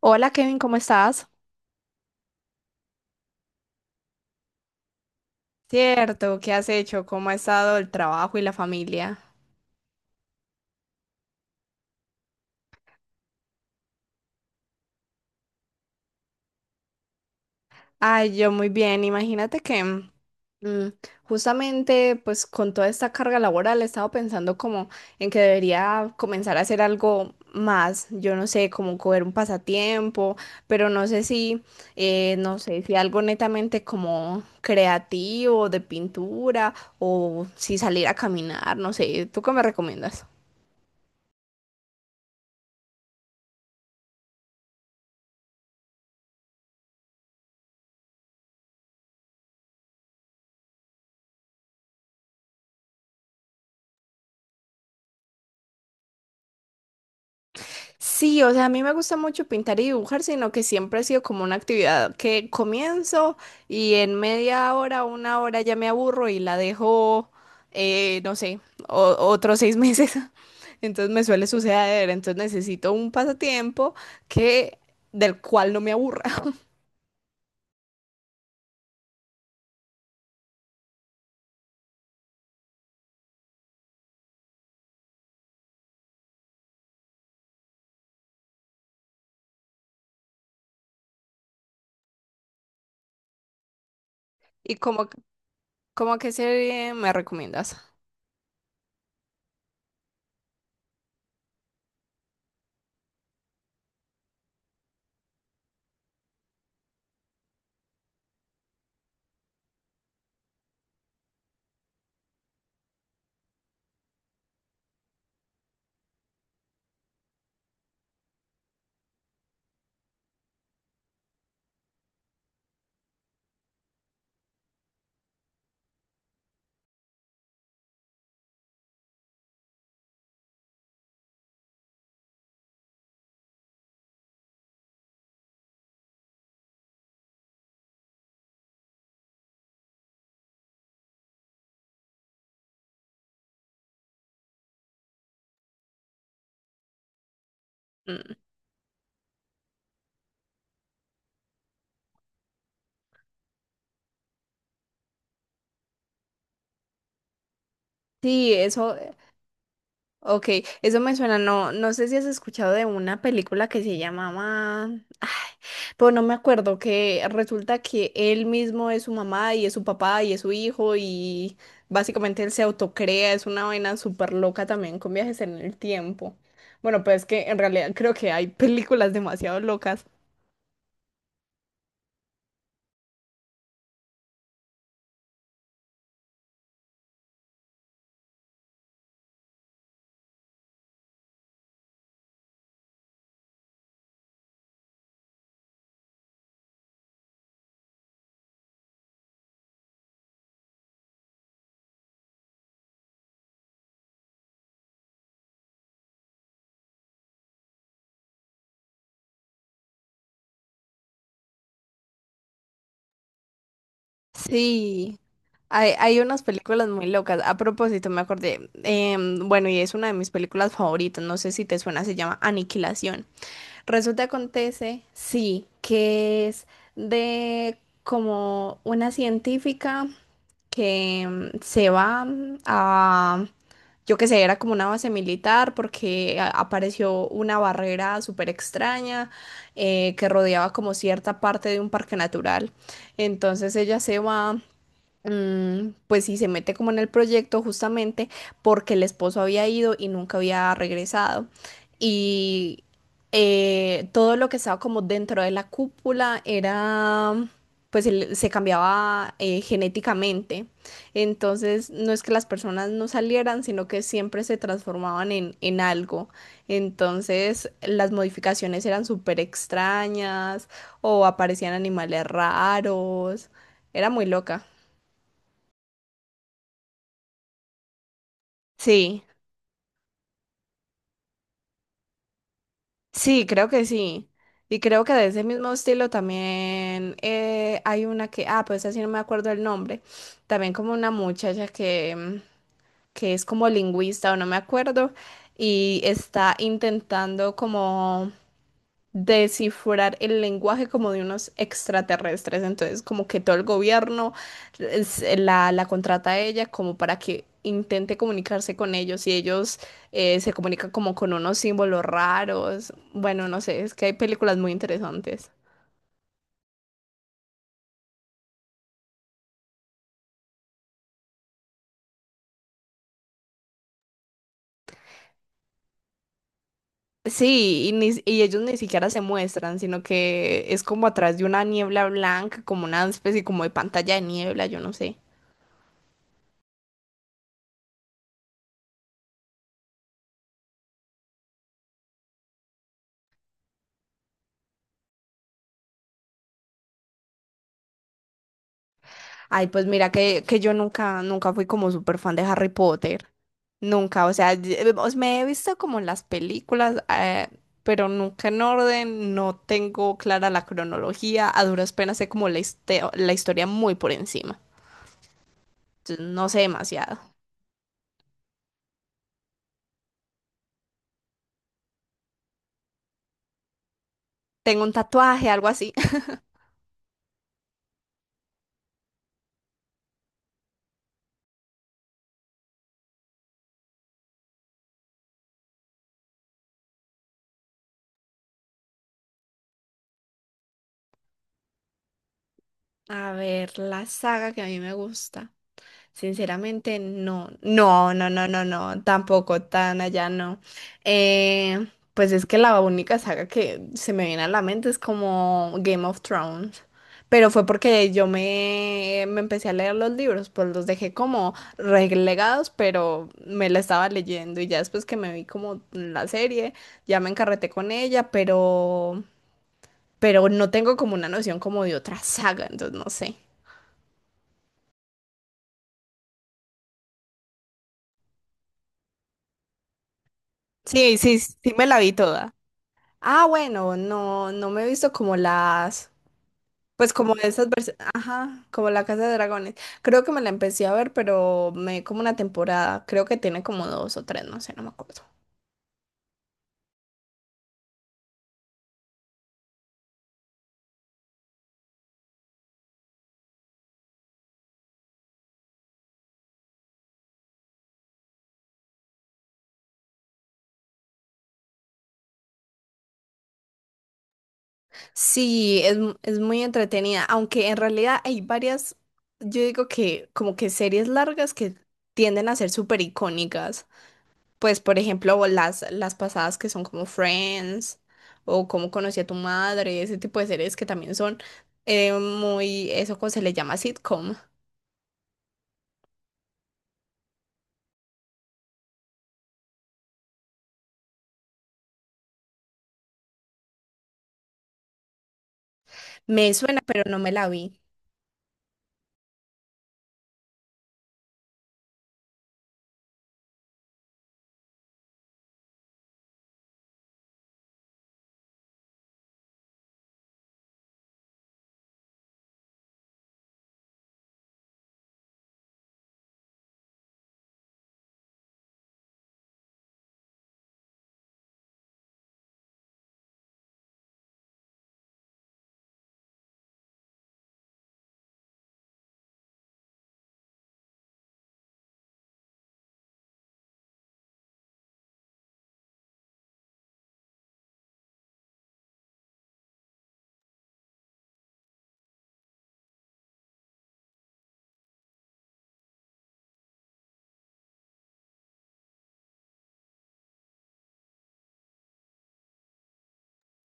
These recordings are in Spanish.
Hola Kevin, ¿cómo estás? Cierto, ¿qué has hecho? ¿Cómo ha estado el trabajo y la familia? Ay, yo muy bien. Imagínate que mm, justamente pues con toda esta carga laboral he estado pensando como en que debería comenzar a hacer algo más. Yo no sé, como coger un pasatiempo, pero no sé si, no sé, si algo netamente como creativo, de pintura o si salir a caminar, no sé. ¿Tú qué me recomiendas? Sí, o sea, a mí me gusta mucho pintar y dibujar, sino que siempre ha sido como una actividad que comienzo y en 1/2 hora, una hora ya me aburro y la dejo, no sé, otros 6 meses. Entonces me suele suceder, entonces necesito un pasatiempo que del cual no me aburra. ¿Y como qué serie me recomiendas? Mm. Sí, eso. Ok, eso me suena, no, no sé si has escuchado de una película que se llamaba, pues no me acuerdo, que resulta que él mismo es su mamá y es su papá y es su hijo y básicamente él se autocrea, es una vaina súper loca también con viajes en el tiempo. Bueno, pues es que en realidad creo que hay películas demasiado locas. Sí, hay unas películas muy locas. A propósito, me acordé, bueno, y es una de mis películas favoritas, no sé si te suena, se llama Aniquilación. Resulta, acontece, sí, que es de como una científica que se va a, yo qué sé, era como una base militar porque apareció una barrera súper extraña que rodeaba como cierta parte de un parque natural. Entonces ella se va, pues sí, se mete como en el proyecto justamente porque el esposo había ido y nunca había regresado. Y todo lo que estaba como dentro de la cúpula era, pues se cambiaba genéticamente. Entonces, no es que las personas no salieran, sino que siempre se transformaban en algo. Entonces, las modificaciones eran súper extrañas o aparecían animales raros. Era muy loca. Sí, sí, creo que sí. Y creo que de ese mismo estilo también, hay una que, ah, pues así no me acuerdo el nombre, también como una muchacha que, que es como lingüista o no me acuerdo y está intentando como descifrar el lenguaje como de unos extraterrestres. Entonces, como que todo el gobierno la, la contrata a ella como para que intente comunicarse con ellos y ellos, se comunican como con unos símbolos raros. Bueno, no sé, es que hay películas muy interesantes. Sí, y, y ellos ni siquiera se muestran, sino que es como atrás de una niebla blanca, como una especie como de pantalla de niebla, yo no sé. Ay, pues mira que yo nunca, nunca fui como súper fan de Harry Potter. Nunca, o sea, me he visto como en las películas, pero nunca en orden, no tengo clara la cronología, a duras penas sé como la, la historia muy por encima. Entonces no sé demasiado. Tengo un tatuaje, algo así. A ver, la saga que a mí me gusta. Sinceramente, no, no, no, no, no, no, tampoco tan allá, no. Eh, pues es que la única saga que se me viene a la mente es como Game of Thrones. Pero fue porque yo me empecé a leer los libros, pues los dejé como relegados, pero me la estaba leyendo y ya después que me vi como la serie, ya me encarreté con ella, pero no tengo como una noción como de otra saga, entonces no sé. Sí, sí, sí me la vi toda. Ah, bueno, no, no me he visto como las, pues como esas versiones, ajá, como La Casa de Dragones. Creo que me la empecé a ver, pero me como una temporada, creo que tiene como dos o tres, no sé, no me acuerdo. Sí, es, es muy entretenida, aunque en realidad hay varias, yo digo que como que series largas que tienden a ser súper icónicas. Pues, por ejemplo, las pasadas que son como Friends o cómo conocí a tu madre, ese tipo de series que también son muy, eso como se le llama sitcom. Me suena, pero no me la vi.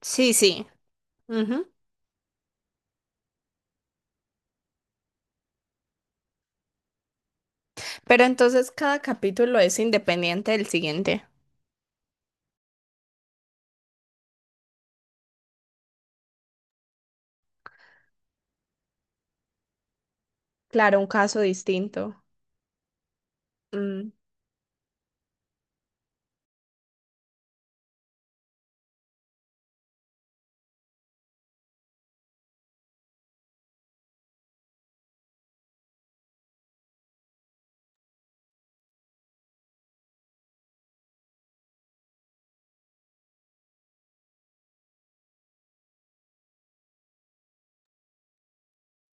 Sí, sí. Ujú. Pero entonces cada capítulo es independiente del siguiente. Claro, un caso distinto. Mm.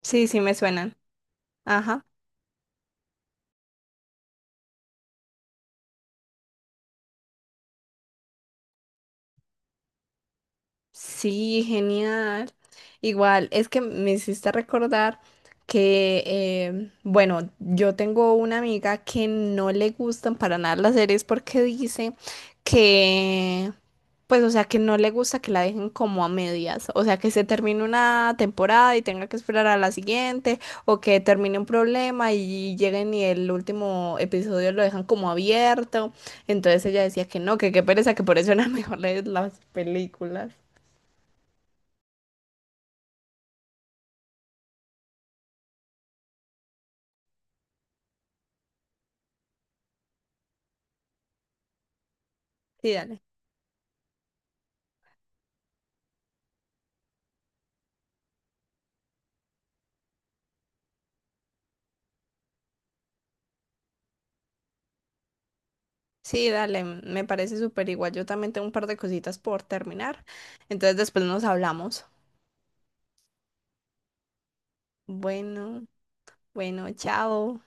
Sí, sí, me suenan. Ajá. Sí, genial. Igual, es que me hiciste recordar que, bueno, yo tengo una amiga que no le gustan para nada las series porque dice que, pues, o sea, que no le gusta que la dejen como a medias, o sea, que se termine una temporada y tenga que esperar a la siguiente, o que termine un problema y lleguen y el último episodio lo dejan como abierto. Entonces ella decía que no, que qué pereza, que por eso era mejor leer las películas. Sí, dale. Sí, dale, me parece súper igual. Yo también tengo un par de cositas por terminar. Entonces después nos hablamos. Bueno, bueno, chao.